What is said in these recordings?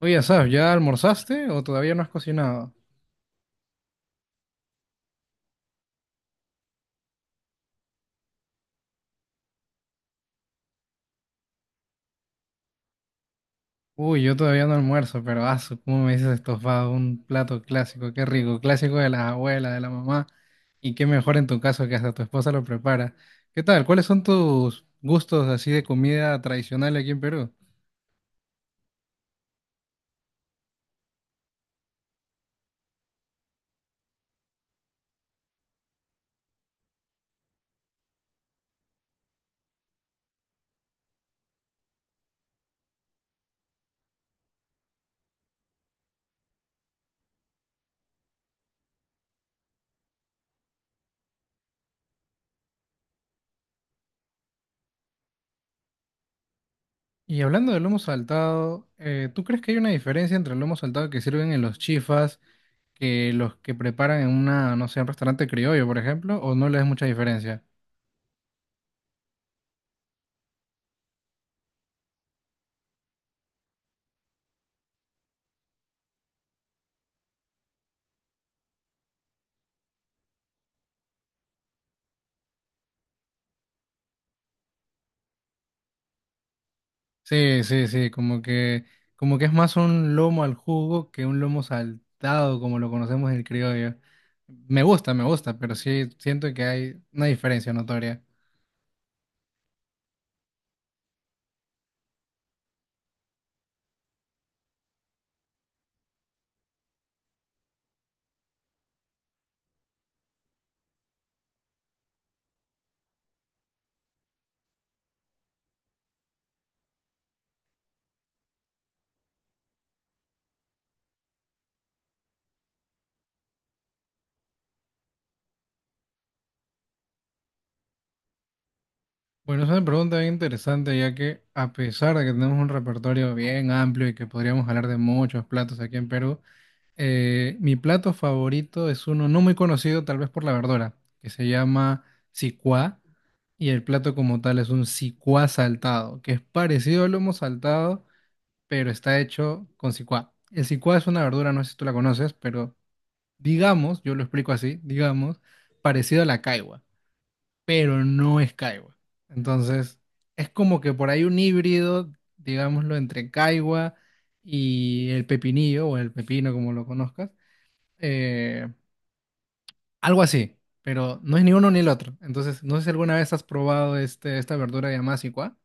Oye, Asaf, ¿ya almorzaste o todavía no has cocinado? Uy, yo todavía no almuerzo, pero asu, ¿cómo me dices estofado? Un plato clásico, qué rico, clásico de las abuelas, de la mamá. Y qué mejor en tu caso que hasta tu esposa lo prepara. ¿Qué tal? ¿Cuáles son tus gustos así de comida tradicional aquí en Perú? Y hablando del lomo saltado, ¿tú crees que hay una diferencia entre el lomo saltado que sirven en los chifas que los que preparan en una, no sé, un restaurante criollo, por ejemplo, o no le ves mucha diferencia? Sí, sí, sí, como que es más un lomo al jugo que un lomo saltado, como lo conocemos en el criollo. Me gusta, pero sí siento que hay una diferencia notoria. Bueno, es una pregunta bien interesante, ya que a pesar de que tenemos un repertorio bien amplio y que podríamos hablar de muchos platos aquí en Perú, mi plato favorito es uno no muy conocido, tal vez por la verdura, que se llama sicuá, y el plato como tal es un sicuá saltado, que es parecido al lomo saltado pero está hecho con cicuá. El cicuá es una verdura, no sé si tú la conoces, pero digamos, yo lo explico así, digamos, parecido a la caigua, pero no es caigua. Entonces, es como que por ahí un híbrido, digámoslo, entre caigua y el pepinillo o el pepino, como lo conozcas, eh, algo así, pero no es ni uno ni el otro. Entonces, no sé si alguna vez has probado este, esta verdura llamada cicuá.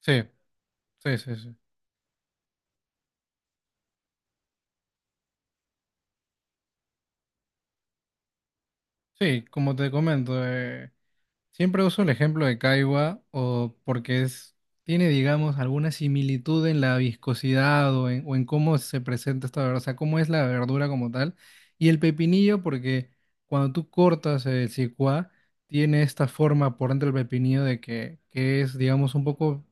Sí, sí, sí, sí. Sí, como te comento, siempre uso el ejemplo de Kaiwa o porque es, tiene, digamos, alguna similitud en la viscosidad o en cómo se presenta esta verdura, o sea, cómo es la verdura como tal. Y el pepinillo porque cuando tú cortas el cicuá, tiene esta forma por dentro del pepinillo de que es, digamos, un poco,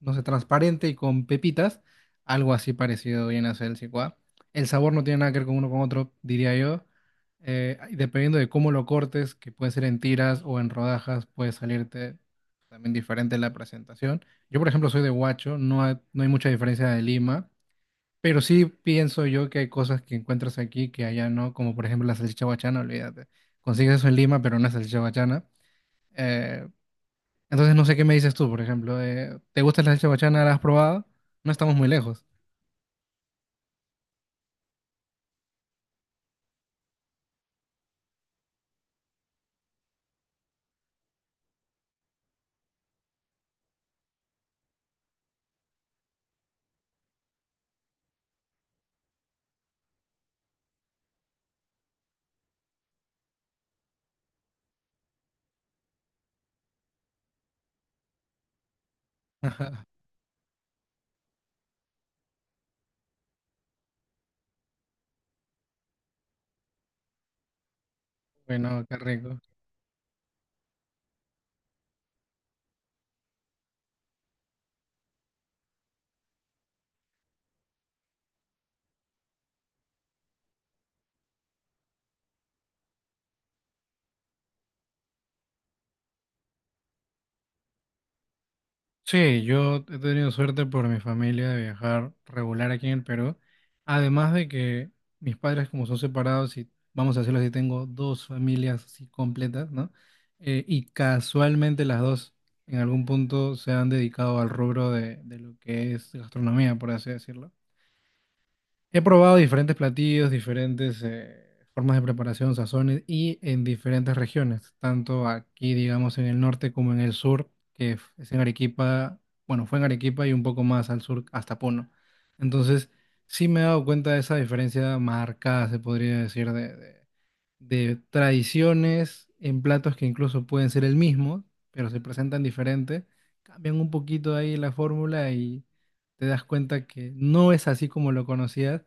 no sé, transparente y con pepitas, algo así parecido viene a ser el cicuá. El sabor no tiene nada que ver con uno con otro, diría yo. Y dependiendo de cómo lo cortes, que puede ser en tiras o en rodajas, puede salirte también diferente la presentación. Yo, por ejemplo, soy de Huacho, no hay, no hay mucha diferencia de Lima, pero sí pienso yo que hay cosas que encuentras aquí que allá no, como por ejemplo la salchicha huachana, olvídate. Consigues eso en Lima, pero no es salchicha huachana. Eh, entonces no sé qué me dices tú, por ejemplo. ¿Te gusta la salchicha huachana? ¿La has probado? No estamos muy lejos. Bueno, qué rico. Sí, yo he tenido suerte por mi familia de viajar regular aquí en el Perú. Además de que mis padres, como son separados, y vamos a decirlo así, tengo dos familias así completas, ¿no? Y casualmente las dos en algún punto se han dedicado al rubro de lo que es gastronomía, por así decirlo. He probado diferentes platillos, diferentes formas de preparación, sazones y en diferentes regiones, tanto aquí, digamos, en el norte como en el sur, es en Arequipa, bueno, fue en Arequipa y un poco más al sur hasta Puno. Entonces, sí me he dado cuenta de esa diferencia marcada, se podría decir, de, de tradiciones en platos que incluso pueden ser el mismo, pero se presentan diferente, cambian un poquito ahí la fórmula y te das cuenta que no es así como lo conocías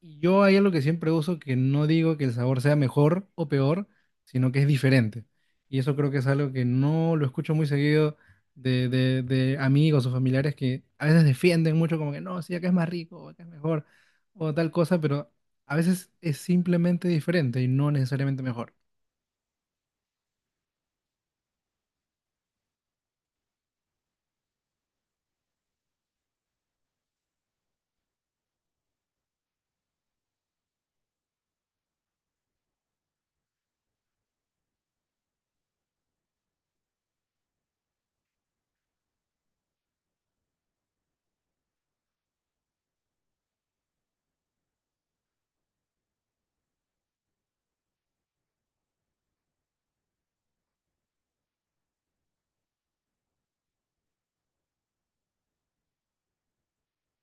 y yo hay algo que siempre uso, que no digo que el sabor sea mejor o peor, sino que es diferente. Y eso creo que es algo que no lo escucho muy seguido de, de amigos o familiares que a veces defienden mucho como que no, sí, acá es más rico, o acá es mejor, o tal cosa, pero a veces es simplemente diferente y no necesariamente mejor.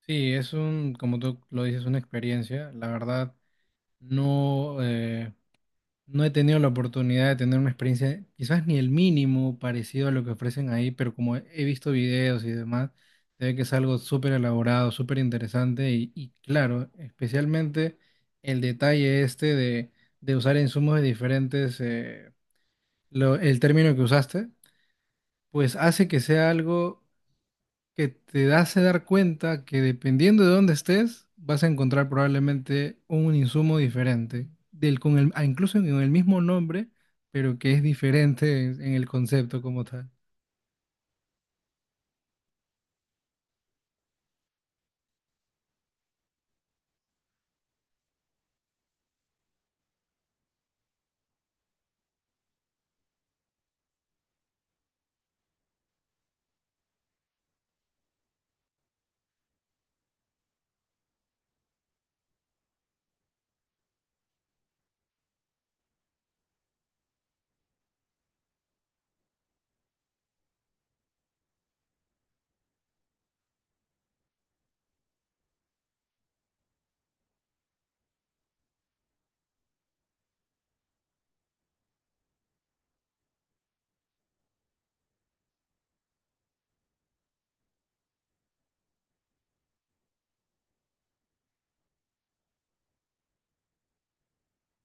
Sí, es un, como tú lo dices, una experiencia. La verdad, no, no he tenido la oportunidad de tener una experiencia, quizás ni el mínimo parecido a lo que ofrecen ahí, pero como he visto videos y demás, se ve que es algo súper elaborado, súper interesante y claro, especialmente el detalle este de usar insumos de diferentes, el término que usaste, pues hace que sea algo que te hace dar cuenta que dependiendo de dónde estés, vas a encontrar probablemente un insumo diferente, del, con el, ah, incluso con el mismo nombre, pero que es diferente en el concepto como tal.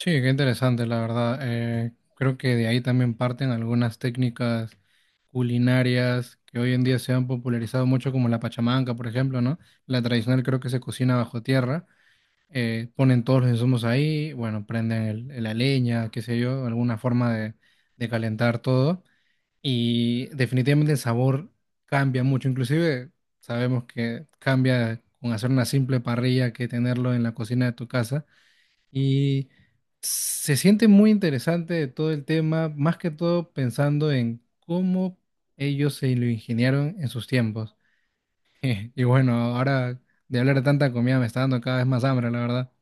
Sí, qué interesante, la verdad. Creo que de ahí también parten algunas técnicas culinarias que hoy en día se han popularizado mucho, como la pachamanca, por ejemplo, ¿no? La tradicional creo que se cocina bajo tierra ponen todos los insumos ahí, bueno, prenden la leña, qué sé yo, alguna forma de calentar todo. Y definitivamente el sabor cambia mucho, inclusive sabemos que cambia con hacer una simple parrilla que tenerlo en la cocina de tu casa. Y se siente muy interesante todo el tema, más que todo pensando en cómo ellos se lo ingeniaron en sus tiempos. Y bueno, ahora de hablar de tanta comida me está dando cada vez más hambre, la verdad.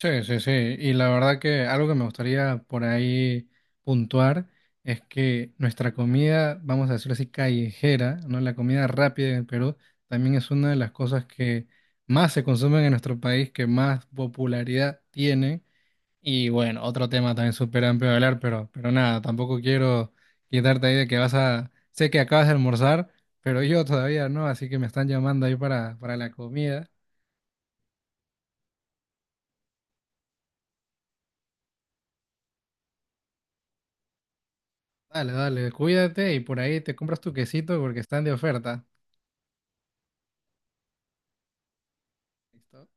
Sí, sí, sí. Y la verdad que algo que me gustaría por ahí puntuar es que nuestra comida, vamos a decirlo así, callejera, ¿no? La comida rápida en Perú también es una de las cosas que más se consumen en nuestro país, que más popularidad tiene. Y bueno, otro tema también súper amplio de hablar, pero nada, tampoco quiero quitarte ahí de que vas a... Sé que acabas de almorzar, pero yo todavía no, así que me están llamando ahí para la comida. Dale, dale, cuídate y por ahí te compras tu quesito porque están de oferta. ¿Listo?